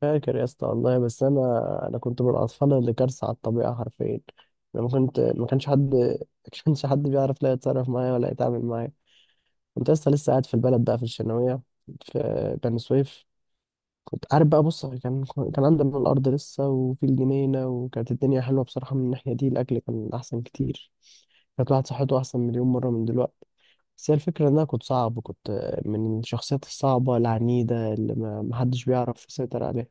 فاكر يا اسطى والله، بس انا كنت من الاطفال اللي كارثه على الطبيعه حرفيا. انا ما كانش حد ما كانش حد بيعرف لا يتصرف معايا ولا يتعامل معايا. كنت لسه قاعد في البلد بقى، في الشناويه، في بني سويف. كنت عارف بقى، بص، كان عندنا الارض لسه، وفي الجنينه، وكانت الدنيا حلوه بصراحه من الناحيه دي. الاكل كان احسن كتير، كانت الواحد صحته احسن مليون مره من دلوقتي. بس هي الفكره ان انا كنت صعب، كنت من الشخصيات الصعبه العنيده اللي ما حدش بيعرف يسيطر عليها.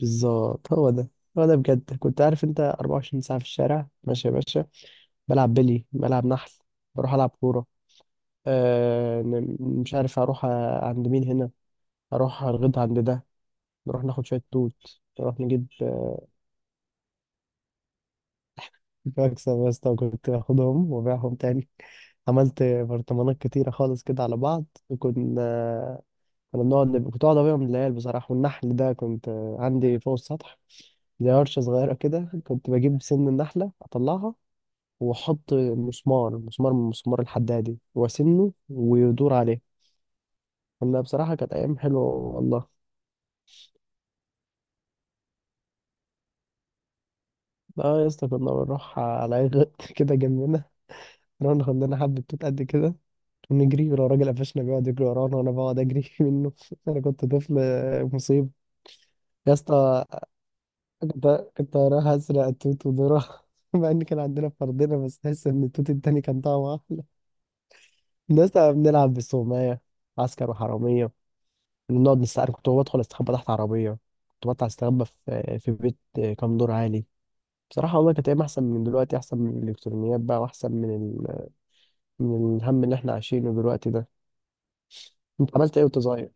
بالظبط، هو ده. بجد كنت عارف انت؟ 24 ساعة في الشارع ماشي يا باشا، بلعب بلي، بلعب نحل، بروح ألعب كورة. آه، مش عارف أروح، عند مين هنا؟ أروح أرغد عند ده، نروح ناخد شوية توت، نروح نجيب. بكسب يا اسطى، وكنت باخدهم وبيعهم تاني. عملت برطمانات كتيرة خالص كده على بعض، وكنا، كنت أقعد أبيعهم للعيال بصراحة. والنحل ده كنت عندي فوق السطح، زي ورشة صغيرة كده. كنت بجيب سن النحلة أطلعها، وحط مسمار من المسمار الحدادي، وسنه، ويدور عليه. كنا بصراحة كانت أيام حلوة والله. اه يا اسطى، كنا بنروح على أي غط كده جنبنا، نروح ناخد لنا حبة توت قد كده، ونجري. ولو راجل قفشنا بيقعد يجري ورانا، وأنا بقعد أجري منه. أنا كنت طفل مصيب. يا اسطى، كنت كنت هروح أسرق التوت ودورة، مع إن كان عندنا فردنا، بس تحس إن التوت التاني كان طعمه أحلى. الناس بنلعب بالسومية، عسكر وحرامية، نقعد نستخبى. كنت بدخل استخبى تحت عربية، كنت بطلع استخبى في بيت كام دور عالي. بصراحة والله كانت أيام أحسن من دلوقتي، أحسن من الإلكترونيات بقى، وأحسن من من الهم اللي إحنا عايشينه دلوقتي ده. أنت عملت إيه وأنت صغير؟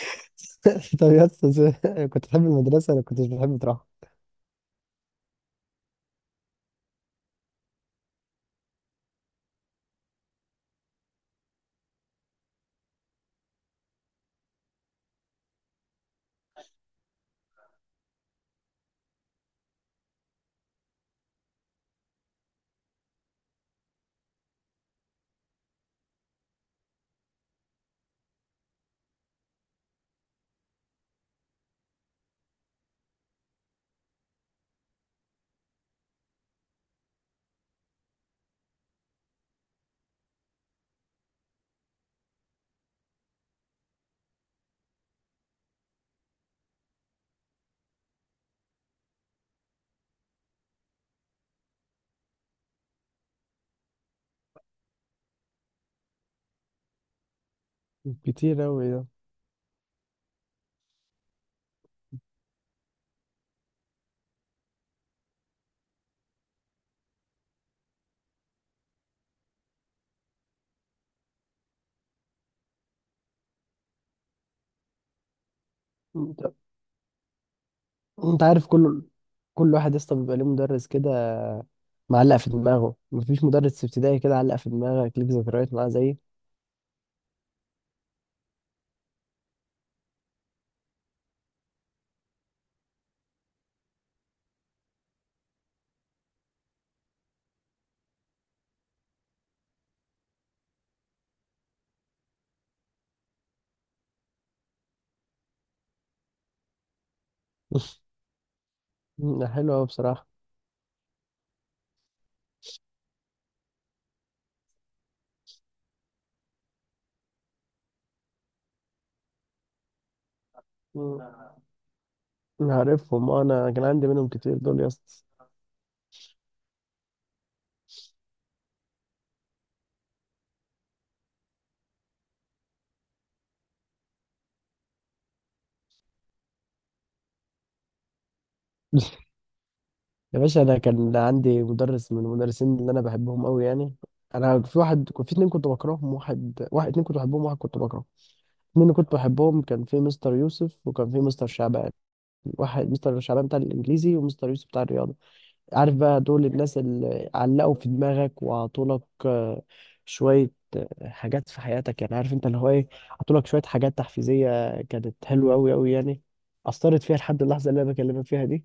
طب يا أستاذ، كنت بتحب المدرسة ولا كنتش بتحب تروح؟ كتير أوي ده. أنت أنت عارف، كل واحد يا اسطى بيبقى ليه مدرس كده معلق في دماغه. مفيش مدرس في ابتدائي كده علق في دماغك ليك ذكريات معاه زيي؟ حلو أوي بصراحة. مم. عارفهم، انا كان عندي منهم كتير دول يا اسطى. يا باشا، انا كان عندي مدرس من المدرسين اللي انا بحبهم قوي، يعني انا في واحد في اتنين كنت بكرههم. واحد اتنين كنت بحبهم، واحد كنت بكرهه. اتنين اللي كنت بحبهم كان في مستر يوسف وكان في مستر شعبان. واحد مستر شعبان بتاع الانجليزي، ومستر يوسف بتاع الرياضه. عارف بقى دول الناس اللي علقوا في دماغك وعطولك آه، شوية حاجات في حياتك، يعني عارف انت اللي هو ايه. عطولك شوية حاجات تحفيزية، كانت حلوة أوي أوي يعني، أثرت فيها لحد اللحظة اللي أنا بكلمك فيها دي.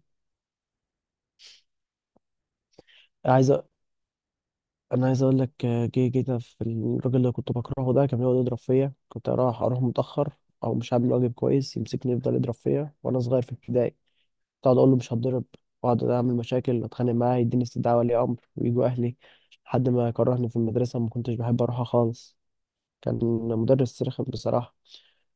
عايز أ... أنا عايز أقول لك، جينا في الراجل اللي كنت بكرهه ده. كان بيقعد يضرب فيا، كنت أروح متأخر أو مش عامل واجب كويس، يمسكني يفضل يضرب فيا وأنا صغير في ابتدائي. كنت اقعد اقول له مش هتضرب، واقعد اعمل مشاكل، اتخانق معاه، يديني استدعاء ولي امر، ويجوا اهلي لحد ما كرهني في المدرسه. ما كنتش بحب اروحها خالص، كان مدرس رخم بصراحه.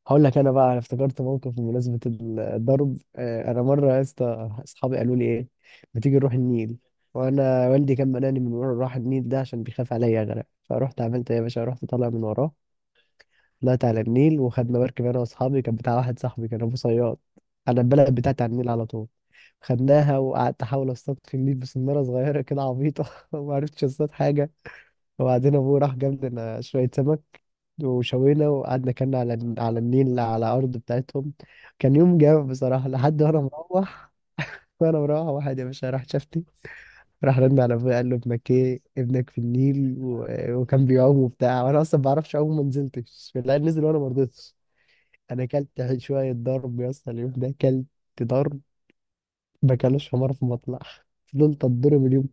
هقول لك انا بقى، أنا افتكرت موقف بمناسبه الضرب. انا مره يا اسطى اصحابي قالوا لي ايه، ما تيجي نروح النيل. وانا والدي كان مناني من ورا، راح النيل ده عشان بيخاف عليا اغرق. فرحت عملت إيه يا باشا، رحت طالع من وراه، طلعت على النيل وخدنا مركب انا واصحابي، كان بتاع واحد صاحبي كان ابو صياد. انا البلد بتاعتي على النيل على طول. خدناها وقعدت احاول اصطاد في النيل بسناره صغيره كده عبيطه، وما عرفتش اصطاد حاجه. وبعدين ابوه راح جاب لنا شويه سمك وشوينا، وقعدنا كنا على على النيل على الارض بتاعتهم. كان يوم جامد بصراحه، لحد وانا مروح. واحد يا باشا راح شافني، راح رن على ابويا قال له ابنك ايه، ابنك في النيل. وكان بيعوم وبتاع، وانا اصلا ما بعرفش اعوم، ما نزلتش، لا نزل وانا ما رضيتش. انا اكلت شويه ضرب يا اسطى، اليوم ده اكلت ضرب، ما كانوش حمار في مطلع، فضلت اتضرب اليوم.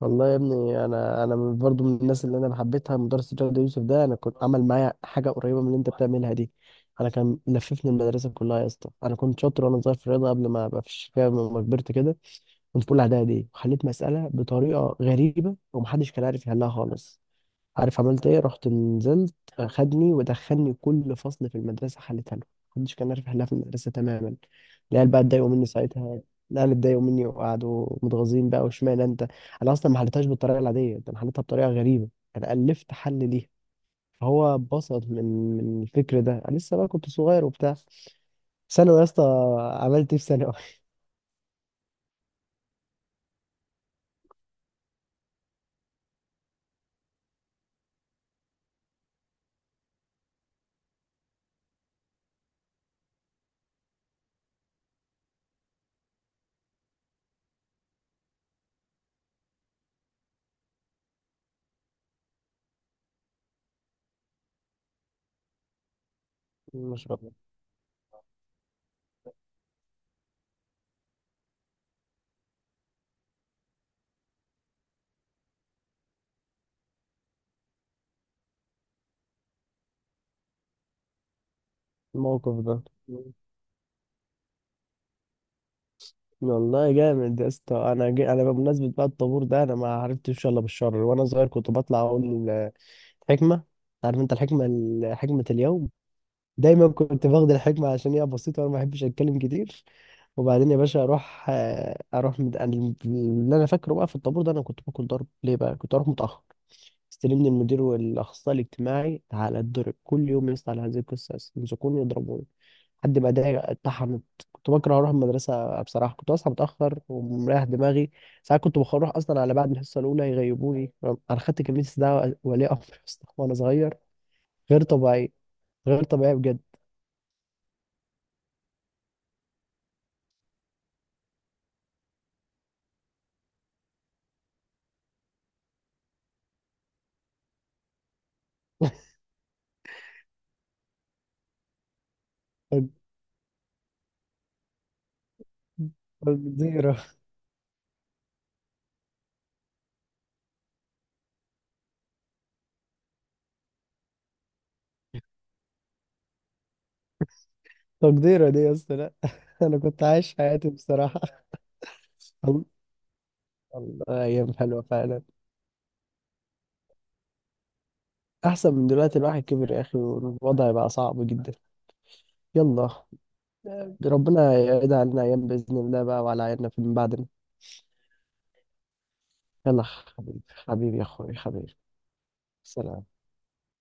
والله يا ابني، انا برضو من الناس اللي انا حبيتها مدرس الرياضه يوسف ده. انا كنت عمل معايا حاجه قريبه من اللي انت بتعملها دي. انا كان لففني المدرسه كلها يا اسطى، انا كنت شاطر وانا صغير في الرياضه قبل ما ابقى في الشكايه لما كبرت كده. كنت في اولى اعدادي، وحليت مساله بطريقه غريبه ومحدش كان عارف يحلها خالص. عارف عملت ايه، رحت نزلت، خدني ودخلني كل فصل في المدرسه حلتها له، محدش كان عارف يحلها في المدرسه تماما. العيال بقى اتضايقوا مني ساعتها، العيال اتضايقوا مني وقعدوا متغاظين بقى، واشمعنى انت. انا اصلا ما حلتهاش بالطريقه العاديه، ده انا حلتها بطريقه غريبه، انا الفت حل ليها. فهو اتبسط من الفكر ده. انا لسه بقى كنت صغير وبتاع. ثانوي يا اسطى، عملت ايه في ثانوي؟ مش فاكر الموقف ده والله. جامد يا اسطى. انا انا بمناسبه بقى الطابور ده، انا ما عرفتش الا بالشر. وانا صغير كنت بطلع اقول حكمه. عارف انت الحكمه، حكمه اليوم. دايما كنت باخد الحكمه عشان هي بسيطه وانا ما بحبش اتكلم كتير. وبعدين يا باشا اروح، أنا اللي انا فاكره بقى في الطابور ده، انا كنت باكل ضرب ليه، بقى كنت اروح متاخر. استلمني المدير والاخصائي الاجتماعي، تعالى اتضرب كل يوم يسطا، على هذه القصه يمسكوني يضربوني لحد ما ده اتطحنت. كنت بكره اروح المدرسه بصراحه، كنت اصحى متاخر ومريح دماغي. ساعات كنت بروح اصلا على بعد الحصه الاولى يغيبوني. انا خدت كميه استدعاء ولي امر أصلاً وانا صغير، غير طبيعي، غير طبيعي بجد. تق- تقديره تقديره دي يا اسطى لا. انا كنت عايش حياتي بصراحه. والله ايام حلوه فعلا. احسن من دلوقتي، الواحد كبر يا اخي، والوضع بقى صعب جدا. يلا، ربنا يعيد علينا أيام بإذن الله بقى، وعلى عيالنا في من بعدنا. يلا حبيبي، حبيبي يا أخوي، حبيبي، سلام.